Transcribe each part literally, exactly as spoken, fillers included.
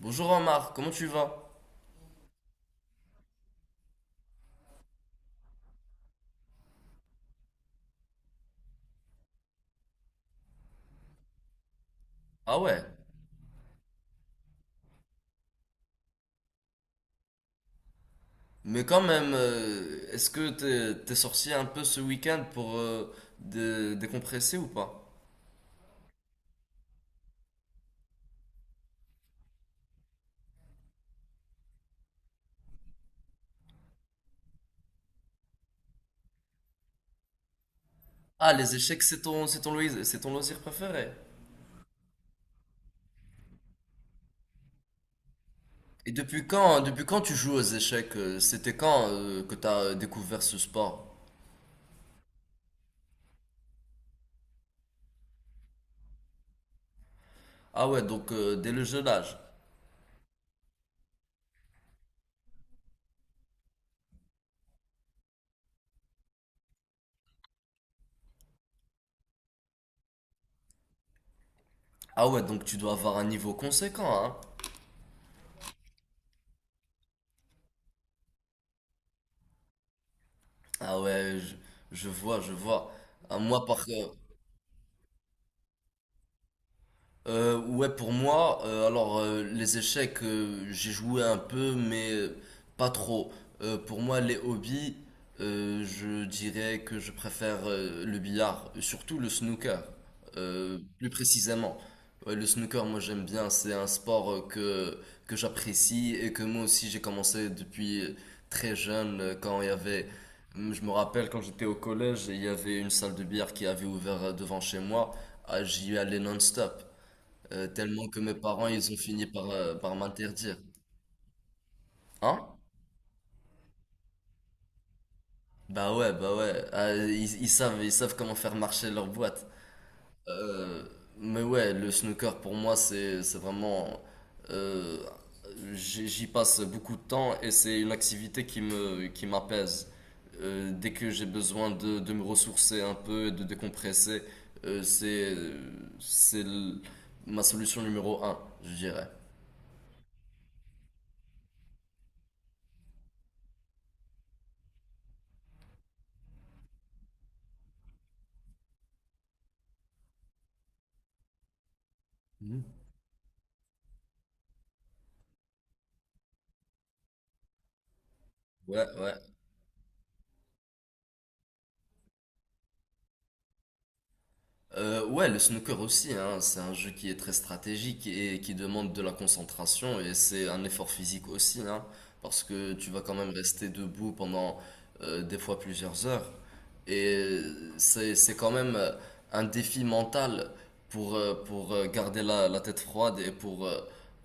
Bonjour Omar, comment tu vas? Ah ouais, mais quand même, euh, est-ce que t'es, t'es sorti un peu ce week-end pour euh, dé- décompresser ou pas? Ah, les échecs, c'est ton, c'est ton, loisir, c'est ton loisir préféré. Et depuis quand, depuis quand tu joues aux échecs? euh, C'était quand euh, que t'as euh, découvert ce sport? Ah ouais, donc euh, dès le jeune âge. Ah ouais, donc tu dois avoir un niveau conséquent, hein? Ah ouais, je, je vois, je vois. Ah, moi, par, euh, Euh, ouais, pour moi, euh, alors euh, les échecs, euh, j'ai joué un peu, mais euh, pas trop. Euh, pour moi, les hobbies, euh, je dirais que je préfère euh, le billard, surtout le snooker, euh, plus précisément. Ouais, le snooker, moi j'aime bien, c'est un sport euh, que, que j'apprécie et que moi aussi j'ai commencé depuis euh, très jeune, euh, quand il y avait... Hum, je me rappelle quand j'étais au collège, il y avait une salle de billard qui avait ouvert euh, devant chez moi. Ah, j'y allais non-stop euh, tellement que mes parents, ils ont fini par, euh, par m'interdire. Hein? Bah ouais, bah ouais, ah, ils, ils savent, ils savent comment faire marcher leur boîte. Euh, mais ouais, le snooker pour moi, c'est, c'est vraiment... euh, j'y j'y passe beaucoup de temps et c'est une activité qui me, qui m'apaise. Euh, dès que j'ai besoin de, de me ressourcer un peu et de décompresser, euh, c'est, c'est l- ma solution numéro un, je dirais. Ouais, ouais. Euh, ouais, le snooker aussi, hein, c'est un jeu qui est très stratégique et qui demande de la concentration et c'est un effort physique aussi, hein, parce que tu vas quand même rester debout pendant euh, des fois plusieurs heures et c'est c'est quand même euh, un défi mental pour euh, pour euh, garder la, la tête froide et pour euh,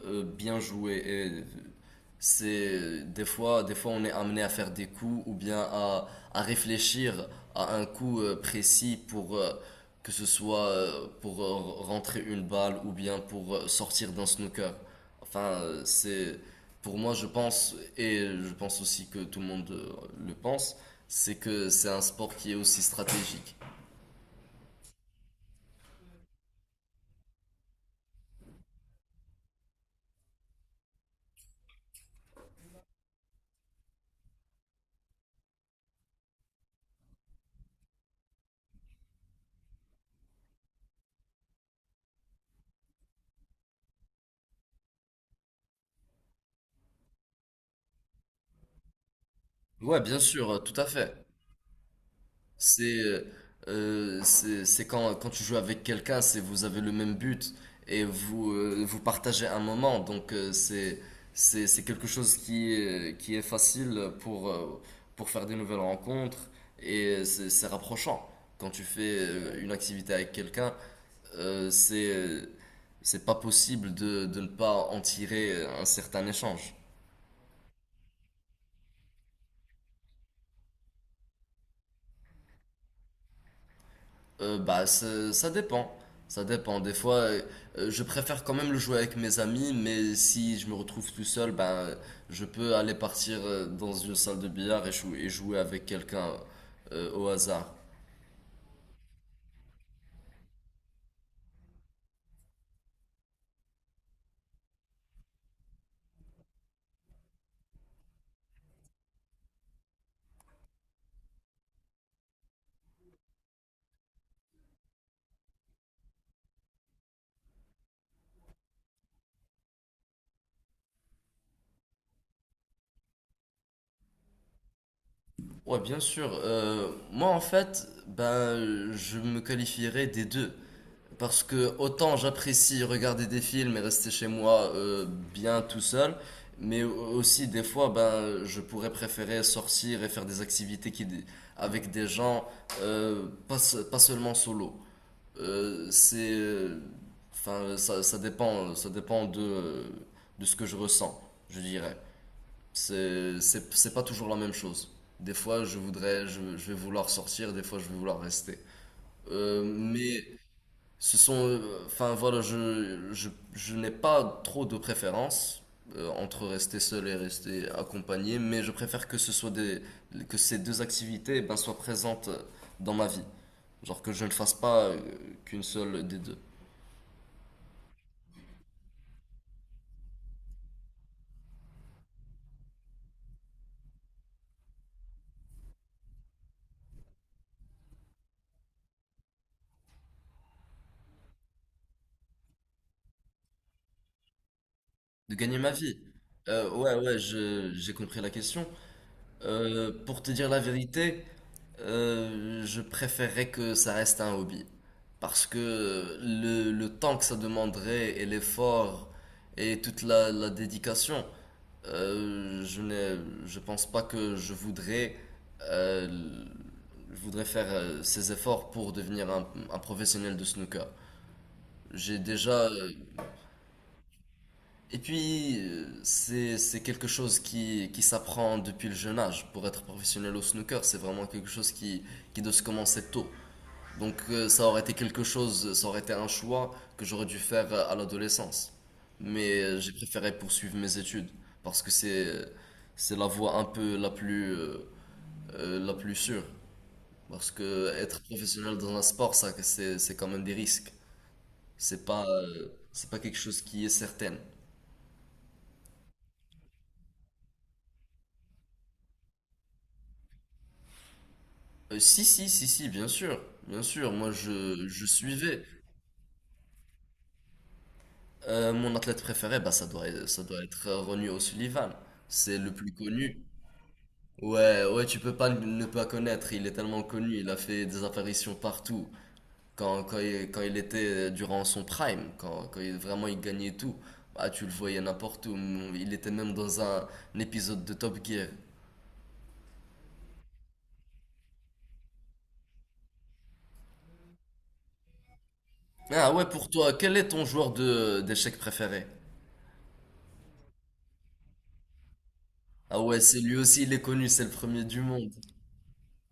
euh, bien jouer et euh, c'est des fois des fois on est amené à faire des coups ou bien à à réfléchir à un coup euh, précis pour euh, que ce soit euh, pour euh, rentrer une balle ou bien pour euh, sortir d'un snooker. Enfin, euh, c'est pour moi, je pense, et je pense aussi que tout le monde euh, le pense, c'est que c'est un sport qui est aussi stratégique. Ouais, bien sûr, euh, tout à fait. C'est euh, euh, c'est c'est quand, quand tu joues avec quelqu'un, c'est vous avez le même but et vous, euh, vous partagez un moment. Donc euh, c'est c'est c'est quelque chose qui est, qui est facile pour, euh, pour faire des nouvelles rencontres et c'est c'est rapprochant. Quand tu fais euh, une activité avec quelqu'un, euh, c'est euh, c'est pas possible de, de ne pas en tirer un certain échange. Euh, bah, ça ça dépend. Ça dépend. Des fois, euh, euh, je préfère quand même le jouer avec mes amis, mais si je me retrouve tout seul, ben, je peux aller partir euh, dans une salle de billard et jou- et jouer avec quelqu'un euh, au hasard. Ouais, bien sûr. Euh, moi, en fait, ben, je me qualifierais des deux. Parce que autant j'apprécie regarder des films et rester chez moi euh, bien tout seul, mais aussi des fois ben je pourrais préférer sortir et faire des activités qui avec des gens, euh, pas, se- pas seulement solo. Euh, c'est euh, enfin ça, ça dépend ça dépend de euh, de ce que je ressens, je dirais. C'est c'est c'est pas toujours la même chose. Des fois je voudrais je, je vais vouloir sortir, des fois je vais vouloir rester. Euh, mais ce sont, euh, enfin voilà, je, je, je n'ai pas trop de préférence euh, entre rester seul et rester accompagné, mais je préfère que ce soit des, que ces deux activités ben, soient présentes dans ma vie. Genre que je ne fasse pas euh, qu'une seule des deux. De gagner ma vie. Euh, ouais, ouais, je- j'ai compris la question. Euh, pour te dire la vérité, euh, je préférerais que ça reste un hobby. Parce que le, le temps que ça demanderait et l'effort et toute la, la dédication, euh, je n'ai, je pense pas que je voudrais, euh, je voudrais faire euh, ces efforts pour devenir un, un professionnel de snooker. J'ai déjà, euh, et puis, euh, c'est, c'est quelque chose qui, qui s'apprend depuis le jeune âge. Pour être professionnel au snooker, c'est vraiment quelque chose qui, qui doit se commencer tôt. Donc, euh, ça aurait été quelque chose, ça aurait été un choix que j'aurais dû faire à l'adolescence. Mais euh, j'ai préféré poursuivre mes études parce que c'est, c'est la voie un peu la plus, euh, euh, la plus sûre. Parce que être professionnel dans un sport, ça, c'est, c'est quand même des risques. C'est pas, euh, c'est pas quelque chose qui est certain. Euh, si, si, si, si, bien sûr, bien sûr. Moi, je, je suivais. Euh, mon athlète préféré, bah, ça doit, être- ça doit être Ronnie O'Sullivan. C'est le plus connu. Ouais, ouais, tu peux pas ne pas connaître. Il est tellement connu. Il a fait des apparitions partout. Quand, quand, il, quand il était euh, durant son prime, quand, quand il- vraiment il gagnait tout, bah, tu le voyais n'importe où. Mm, il était même dans un, un épisode de Top Gear. Ah ouais, pour toi, quel est ton joueur de d'échecs préféré? Ah ouais, c'est lui aussi, il est connu, c'est le premier du monde.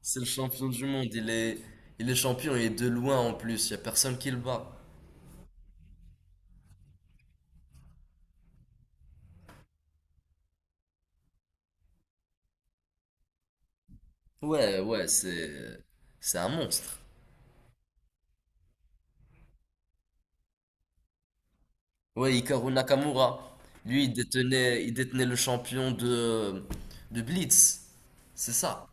C'est le champion du monde, il est, il est champion et de loin en plus, y a personne qui le bat. Ouais, ouais, c'est, c'est un monstre. Ouais, Hikaru Nakamura, lui, il détenait, il détenait le champion de, de Blitz, c'est ça.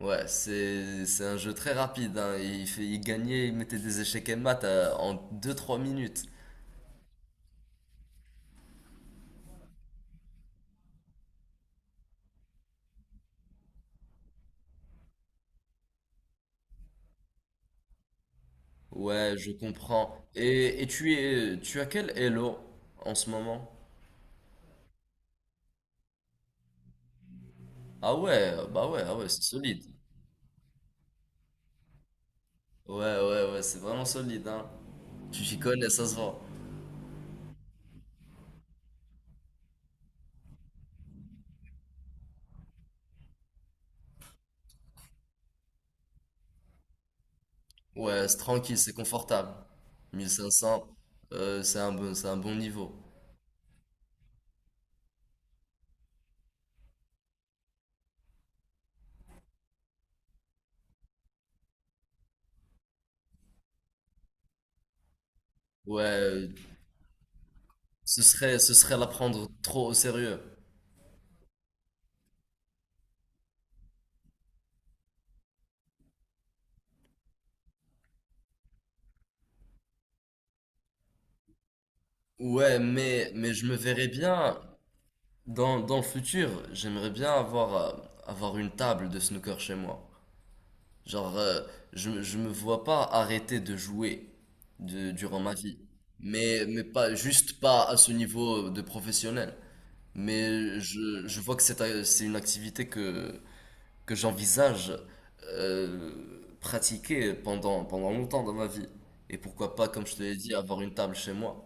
Ouais, c'est, c'est un jeu très rapide, hein. Il fait, il gagnait, il mettait des échecs et maths à- en deux, trois minutes. Ouais, je comprends. Et, et tu es, tu as quel Elo en ce moment? Ah ouais, bah ouais, ah ouais, c'est solide. Ouais, ouais, ouais, c'est vraiment solide, hein. Tu t'y connais, ça se vend. Ouais, c'est tranquille, c'est confortable. mille cinq cents, euh, c'est un bon, c'est un bon niveau. Ouais, euh, ce serait, ce serait la prendre trop au sérieux. Ouais, mais, mais je me verrais bien, dans, dans le futur, j'aimerais bien avoir, euh, avoir une table de snooker chez moi. Genre, euh, je, me- je me vois pas arrêter de jouer de- durant ma vie. Mais, mais pas, juste pas à ce niveau de professionnel. Mais je, je vois que c'est c'est une activité que, que j'envisage euh, pratiquer pendant, pendant longtemps dans ma vie. Et pourquoi pas, comme je te l'ai dit, avoir une table chez moi.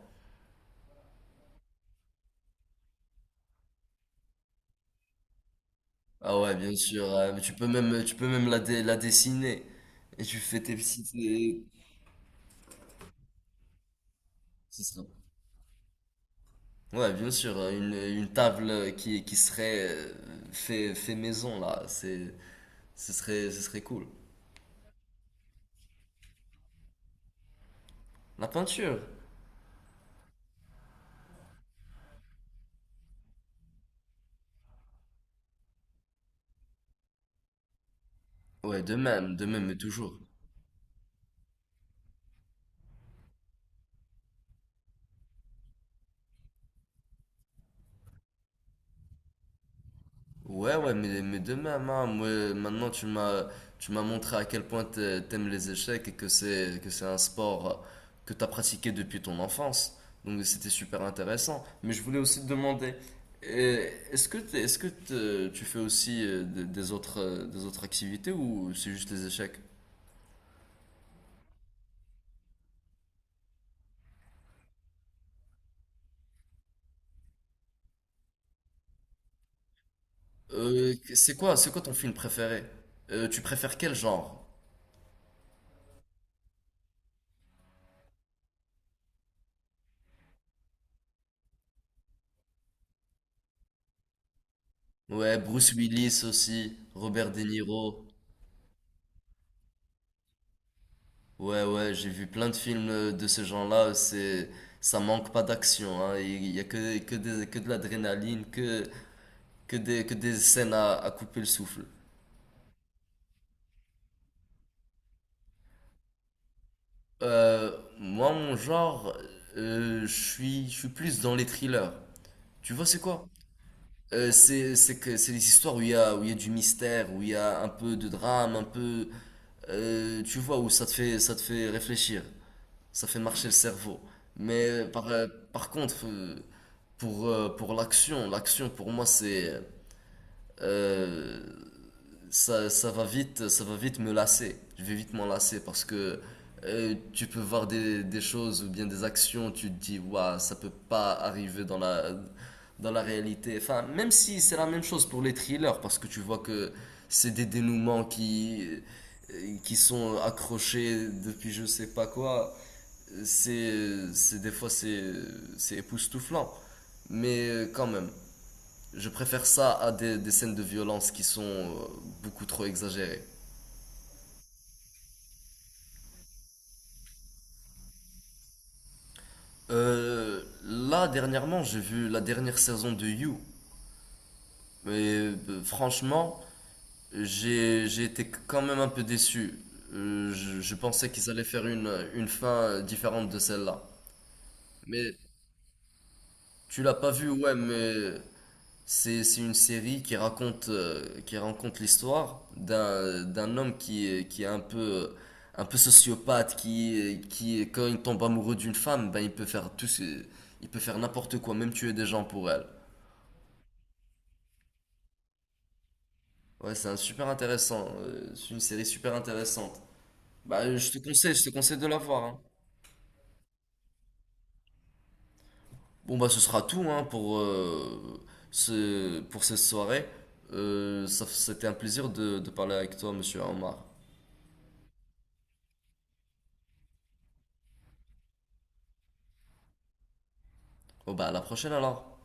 Ah ouais, bien sûr. Euh, mais tu peux même, tu peux même la, dé- la dessiner. Et tu fais tes petites... euh, c'est ça. Ouais, bien sûr. euh, Une, une table qui, qui serait euh, fait, fait maison, là. C'est, ce serait, ce serait cool. La peinture. Ouais, de même, de même, mais toujours. Ouais, ouais, mais, mais de même, hein, moi, maintenant tu m'as tu m'as montré à quel point t'a- t'aimes les échecs et que c'est que c'est un sport euh, que t'as pratiqué depuis ton enfance. Donc c'était super intéressant. Mais je voulais aussi te demander, euh, est-ce que t'es- est-ce que te- tu fais aussi euh, des, des autres euh, des autres activités ou c'est juste les échecs? Euh, c'est quoi c'est quoi ton film préféré? Euh, tu préfères quel genre? Ouais, Bruce Willis aussi, Robert De Niro. Ouais, ouais, j'ai vu plein de films euh, de ce genre-là, c'est, ça manque pas d'action, hein. Il y a que, que, des- que de l'adrénaline, que, que des, que des scènes à, à couper le souffle. Euh, moi, mon genre, euh, je suis, je suis plus dans les thrillers. Tu vois, c'est quoi? Euh, c'est, c'est que, c'est les histoires où il y a, où il y a du mystère, où il y a un peu de drame, un peu, euh, tu vois, où ça te fait, ça te fait réfléchir. Ça fait marcher le cerveau. Mais par, euh, par contre, euh, pour, euh, pour l'action, l'action pour moi c'est... euh, ça, ça va vite, ça va vite me lasser. Je vais vite m'en lasser parce que euh, tu peux voir des, des choses ou bien des actions, tu te dis, waouh, ça peut pas arriver dans la, dans la réalité. Enfin, même si c'est la même chose pour les thrillers parce que tu vois que c'est des dénouements qui, euh, qui sont accrochés depuis je sais pas quoi c'est, c'est des fois c'est, c'est époustouflant, mais euh, quand même, je préfère ça à des, des scènes de violence qui sont euh, beaucoup trop exagérées. Euh, là dernièrement, j'ai vu la dernière saison de You, mais euh, franchement, j'ai j'ai été quand même un peu déçu. Euh, je, je pensais qu'ils allaient faire une une fin différente de celle-là. Mais tu l'as pas vu, ouais, mais C'est c'est une série qui raconte, euh, qui raconte l'histoire d'un d'un homme qui, est- qui est un peu, un peu sociopathe, qui, qui, quand il tombe amoureux d'une femme, ben il peut faire tout ce- il peut faire n'importe quoi, même tuer des gens pour elle. Ouais, c'est un super intéressant, euh, c'est une série super intéressante. Bah, je te conseille, je te conseille de la voir, hein. Bon, bah, ce sera tout, hein, pour, euh, ce, pour cette soirée. Euh, ça- c'était un plaisir de, de parler avec toi, monsieur Omar. Bon, bah, à la prochaine alors.